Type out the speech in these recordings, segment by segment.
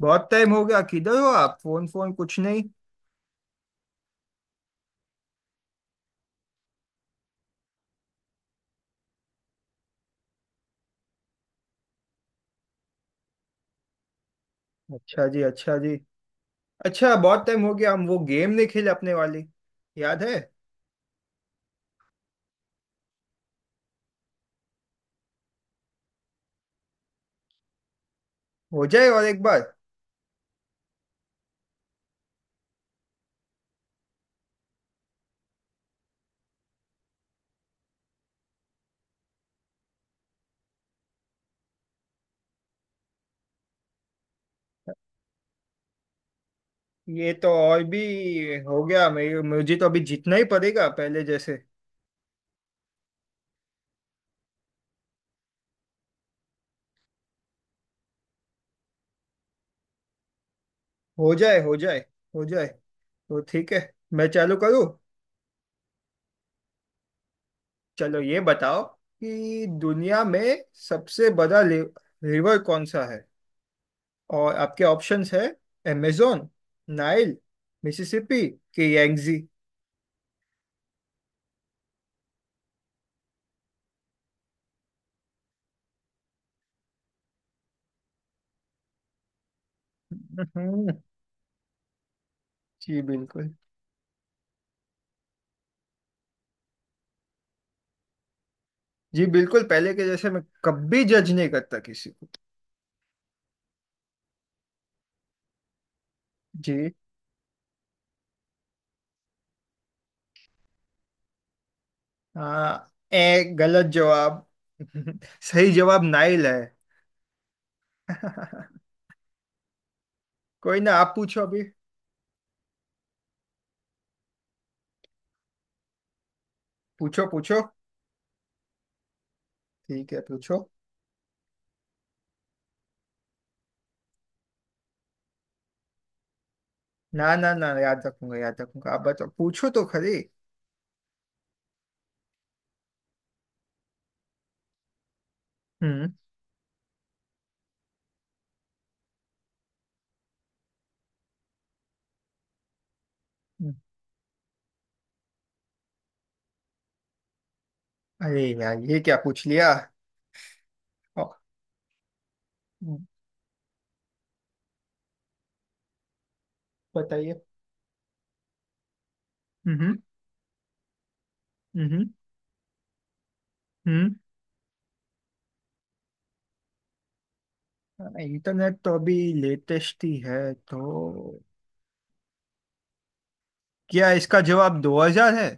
बहुत टाइम हो गया किधर हो आप। फोन फोन कुछ नहीं। अच्छा जी। अच्छा जी। अच्छा बहुत टाइम हो गया, हम वो गेम नहीं खेले अपने वाली। याद है? हो जाए और एक बार। ये तो और भी हो गया। मेरे मुझे तो अभी जीतना ही पड़ेगा, पहले जैसे। हो जाए। हो जाए। हो जाए। तो ठीक है, मैं चालू करूँ? चलो ये बताओ कि दुनिया में सबसे बड़ा रिवर कौन सा है? और आपके ऑप्शंस है, अमेजोन, नाइल, मिसिसिपी कि यांगजी। हम्म, जी बिल्कुल। जी बिल्कुल, पहले के जैसे मैं कभी जज नहीं करता किसी को। जी। हाँ, ए गलत जवाब। सही जवाब नाइल है। कोई ना, आप पूछो अभी। पूछो पूछो। ठीक है पूछो। ना ना ना, याद रखूंगा। याद रखूंगा। आप बताओ, पूछो तो खरी। हम्म हम्म। अरे यार, ये क्या पूछ लिया! ओ, हम्म, बताइए। हम्म। हम्म। हम्म। हम्म। इंटरनेट तो अभी लेटेस्ट ही है, तो क्या इसका जवाब 2000 है?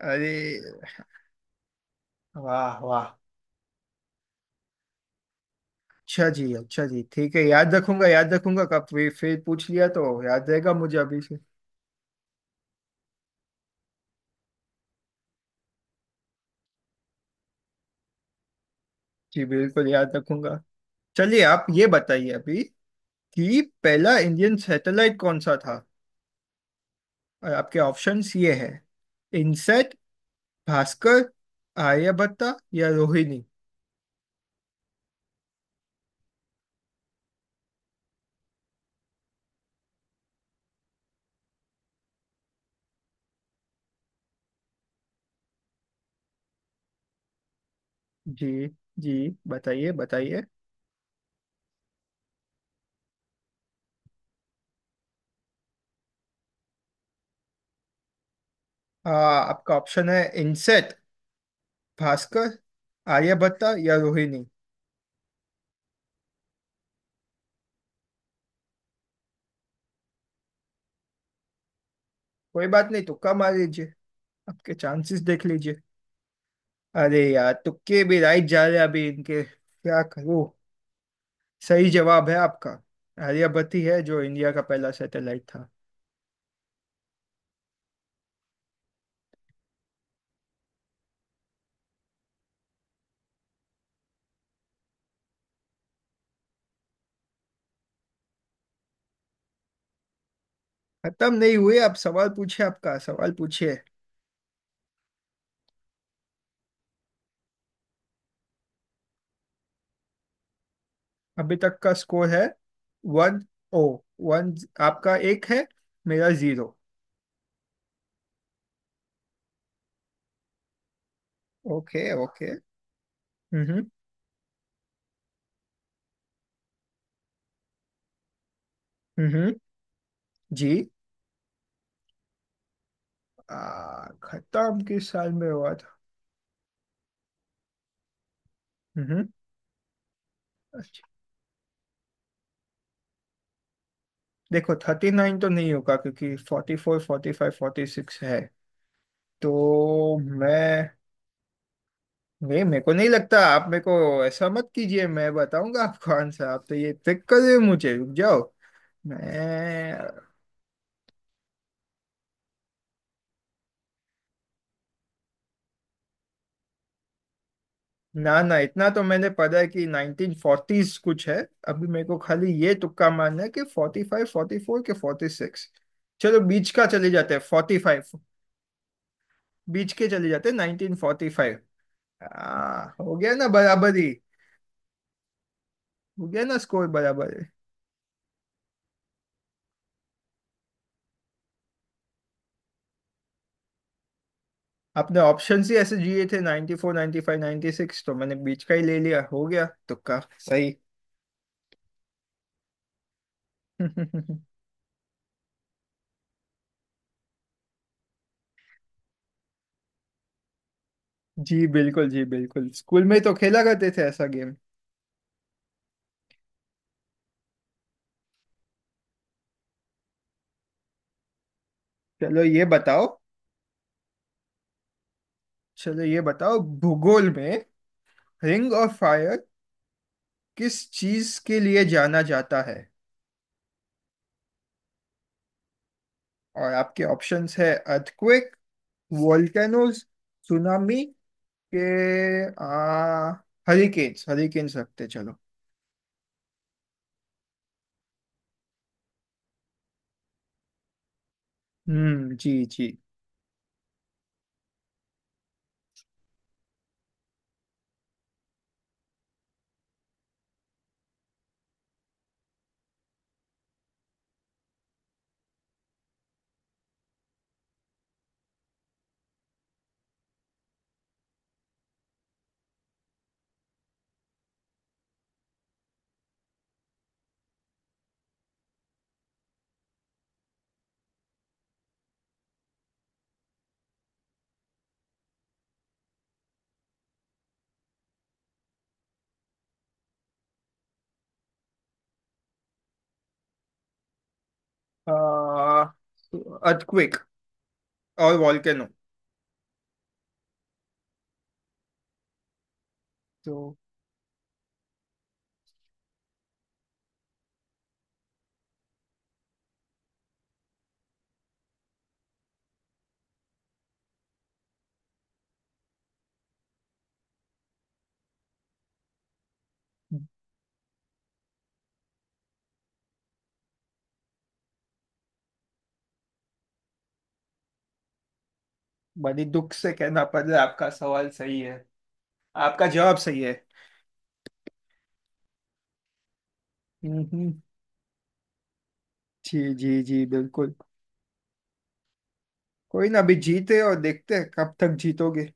अरे, वाह वाह। अच्छा जी। अच्छा जी। ठीक है, याद रखूंगा। याद रखूंगा का, फिर पूछ लिया तो याद रहेगा मुझे अभी से। जी बिल्कुल, याद रखूंगा। चलिए आप ये बताइए अभी कि पहला इंडियन सैटेलाइट कौन सा था? और आपके ऑप्शंस ये है। इनसेट, भास्कर, आर्यभट्टा या रोहिणी। जी। जी। बताइए। बताइए। आपका ऑप्शन है इनसेट, भास्कर, आर्यभट्टा या रोहिणी। कोई बात नहीं, तुक्का मार लीजिए। आपके चांसेस देख लीजिए। अरे यार, तुक्के भी राइट जा रहे हैं, अभी इनके क्या करूं। सही जवाब है आपका। आर्यभट्ट है जो इंडिया का पहला सैटेलाइट था। खत्म नहीं हुए आप? सवाल पूछिए। आपका सवाल पूछिए। अभी तक का स्कोर है, वन ओ वन। आपका एक है, मेरा जीरो। Okay okay. हम्म। हम्म। हम्म। जी। खत्म किस साल में हुआ था? हम्म। अच्छा। देखो, 39 तो नहीं होगा क्योंकि 44, 45, 46 है। तो मैं वे, मेरे को नहीं लगता। आप मेरे को ऐसा मत कीजिए। मैं बताऊंगा आपको आंसर। आप तो ये ट्रिक कर रहे हो मुझे, रुक जाओ। मैं ना ना, इतना तो मैंने पढ़ा है कि 1940s कुछ है। अभी मेरे को खाली ये तुक्का मारना है कि 45, 44 के 46। चलो बीच का चले जाते हैं, 45। बीच के चले जाते हैं 1945। हो गया ना बराबरी। हो गया ना स्कोर बराबर। आपने ऑप्शंस ही ऐसे दिए थे 94 95 96, तो मैंने बीच का ही ले लिया। हो गया तुक्का सही। जी बिल्कुल। जी बिल्कुल, स्कूल में तो खेला करते थे ऐसा गेम। चलो ये बताओ चलो ये बताओ भूगोल में, रिंग ऑफ फायर किस चीज के लिए जाना जाता है? और आपके ऑप्शंस है अर्थक्वेक, वोल्केनोज, सुनामी के आ हरिकेन्स। हरिकेन्स रखते, चलो। हम्म। जी। जी। आ अर्थक्वेक और वॉल्केनो। तो बड़ी दुख से कहना पड़ रहा है, आपका सवाल सही है। आपका जवाब सही है। हम्म। जी। जी। जी बिल्कुल। कोई ना, अभी जीते और देखते हैं कब तक जीतोगे।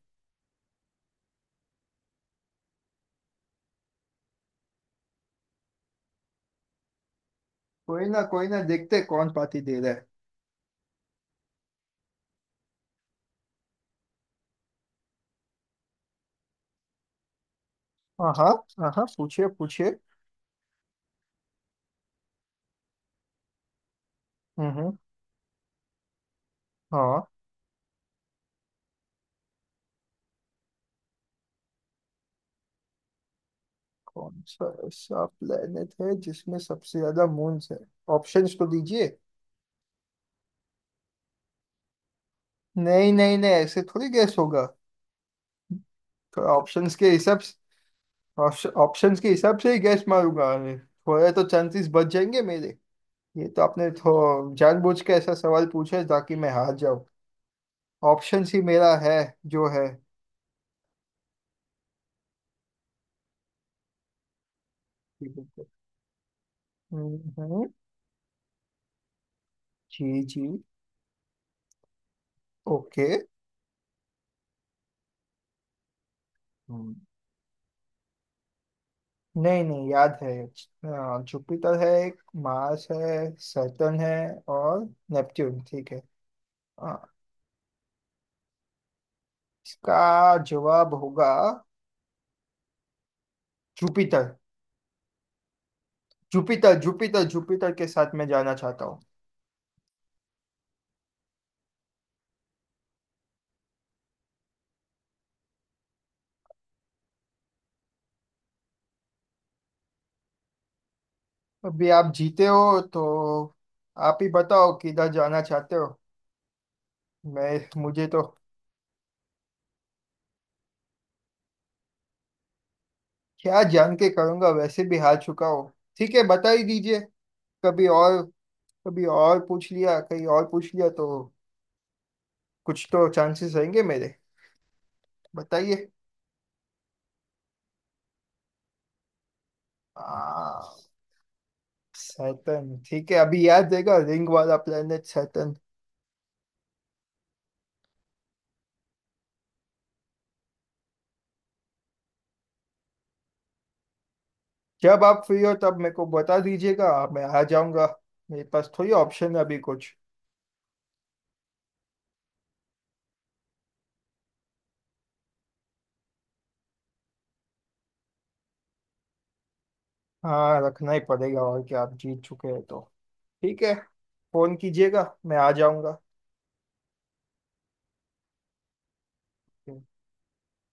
कोई ना, कोई ना, देखते हैं कौन पार्टी दे रहा है। हाँ हाँ हाँ, पूछिए पूछिए। हम्म। हाँ। कौन सा ऐसा प्लेनेट है जिसमें सबसे ज्यादा मून्स है? ऑप्शंस तो दीजिए। नहीं नहीं नहीं, ऐसे थोड़ी गैस होगा। थोड़ा ऑप्शंस के हिसाब से ही गैस मारूंगा। अरे, थोड़े तो चांसेस बच जाएंगे मेरे। ये तो आपने थो जानबूझ के ऐसा सवाल पूछा है ताकि मैं हार जाऊं। ऑप्शंस ही मेरा है, जो है। ठीक है। हम्म, हम्म, जी जी, ओके, हम्म। नहीं नहीं, याद है। जुपिटर है एक, मार्स है, सैटर्न है और नेपट्यून। ठीक है। हाँ, इसका जवाब होगा जुपिटर। जुपिटर जुपिटर जुपिटर के साथ मैं जाना चाहता हूँ। अभी आप जीते हो तो आप ही बताओ किधर जाना चाहते हो। मैं मुझे तो क्या जान के करूंगा, वैसे भी हार चुका हो। ठीक है, बता ही दीजिए। कभी और कभी और पूछ लिया कहीं और पूछ लिया तो कुछ तो चांसेस रहेंगे मेरे। बताइए। आ, सैटर्न। ठीक है, अभी याद रहेगा, रिंग वाला प्लेनेट सैटर्न। जब आप फ्री हो तब मेरे को बता दीजिएगा, मैं आ जाऊंगा। मेरे पास थोड़ी ऑप्शन है अभी कुछ। हाँ, रखना ही पड़ेगा और क्या, आप जीत चुके हैं तो। ठीक है, फोन कीजिएगा, मैं आ जाऊंगा।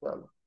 चलो।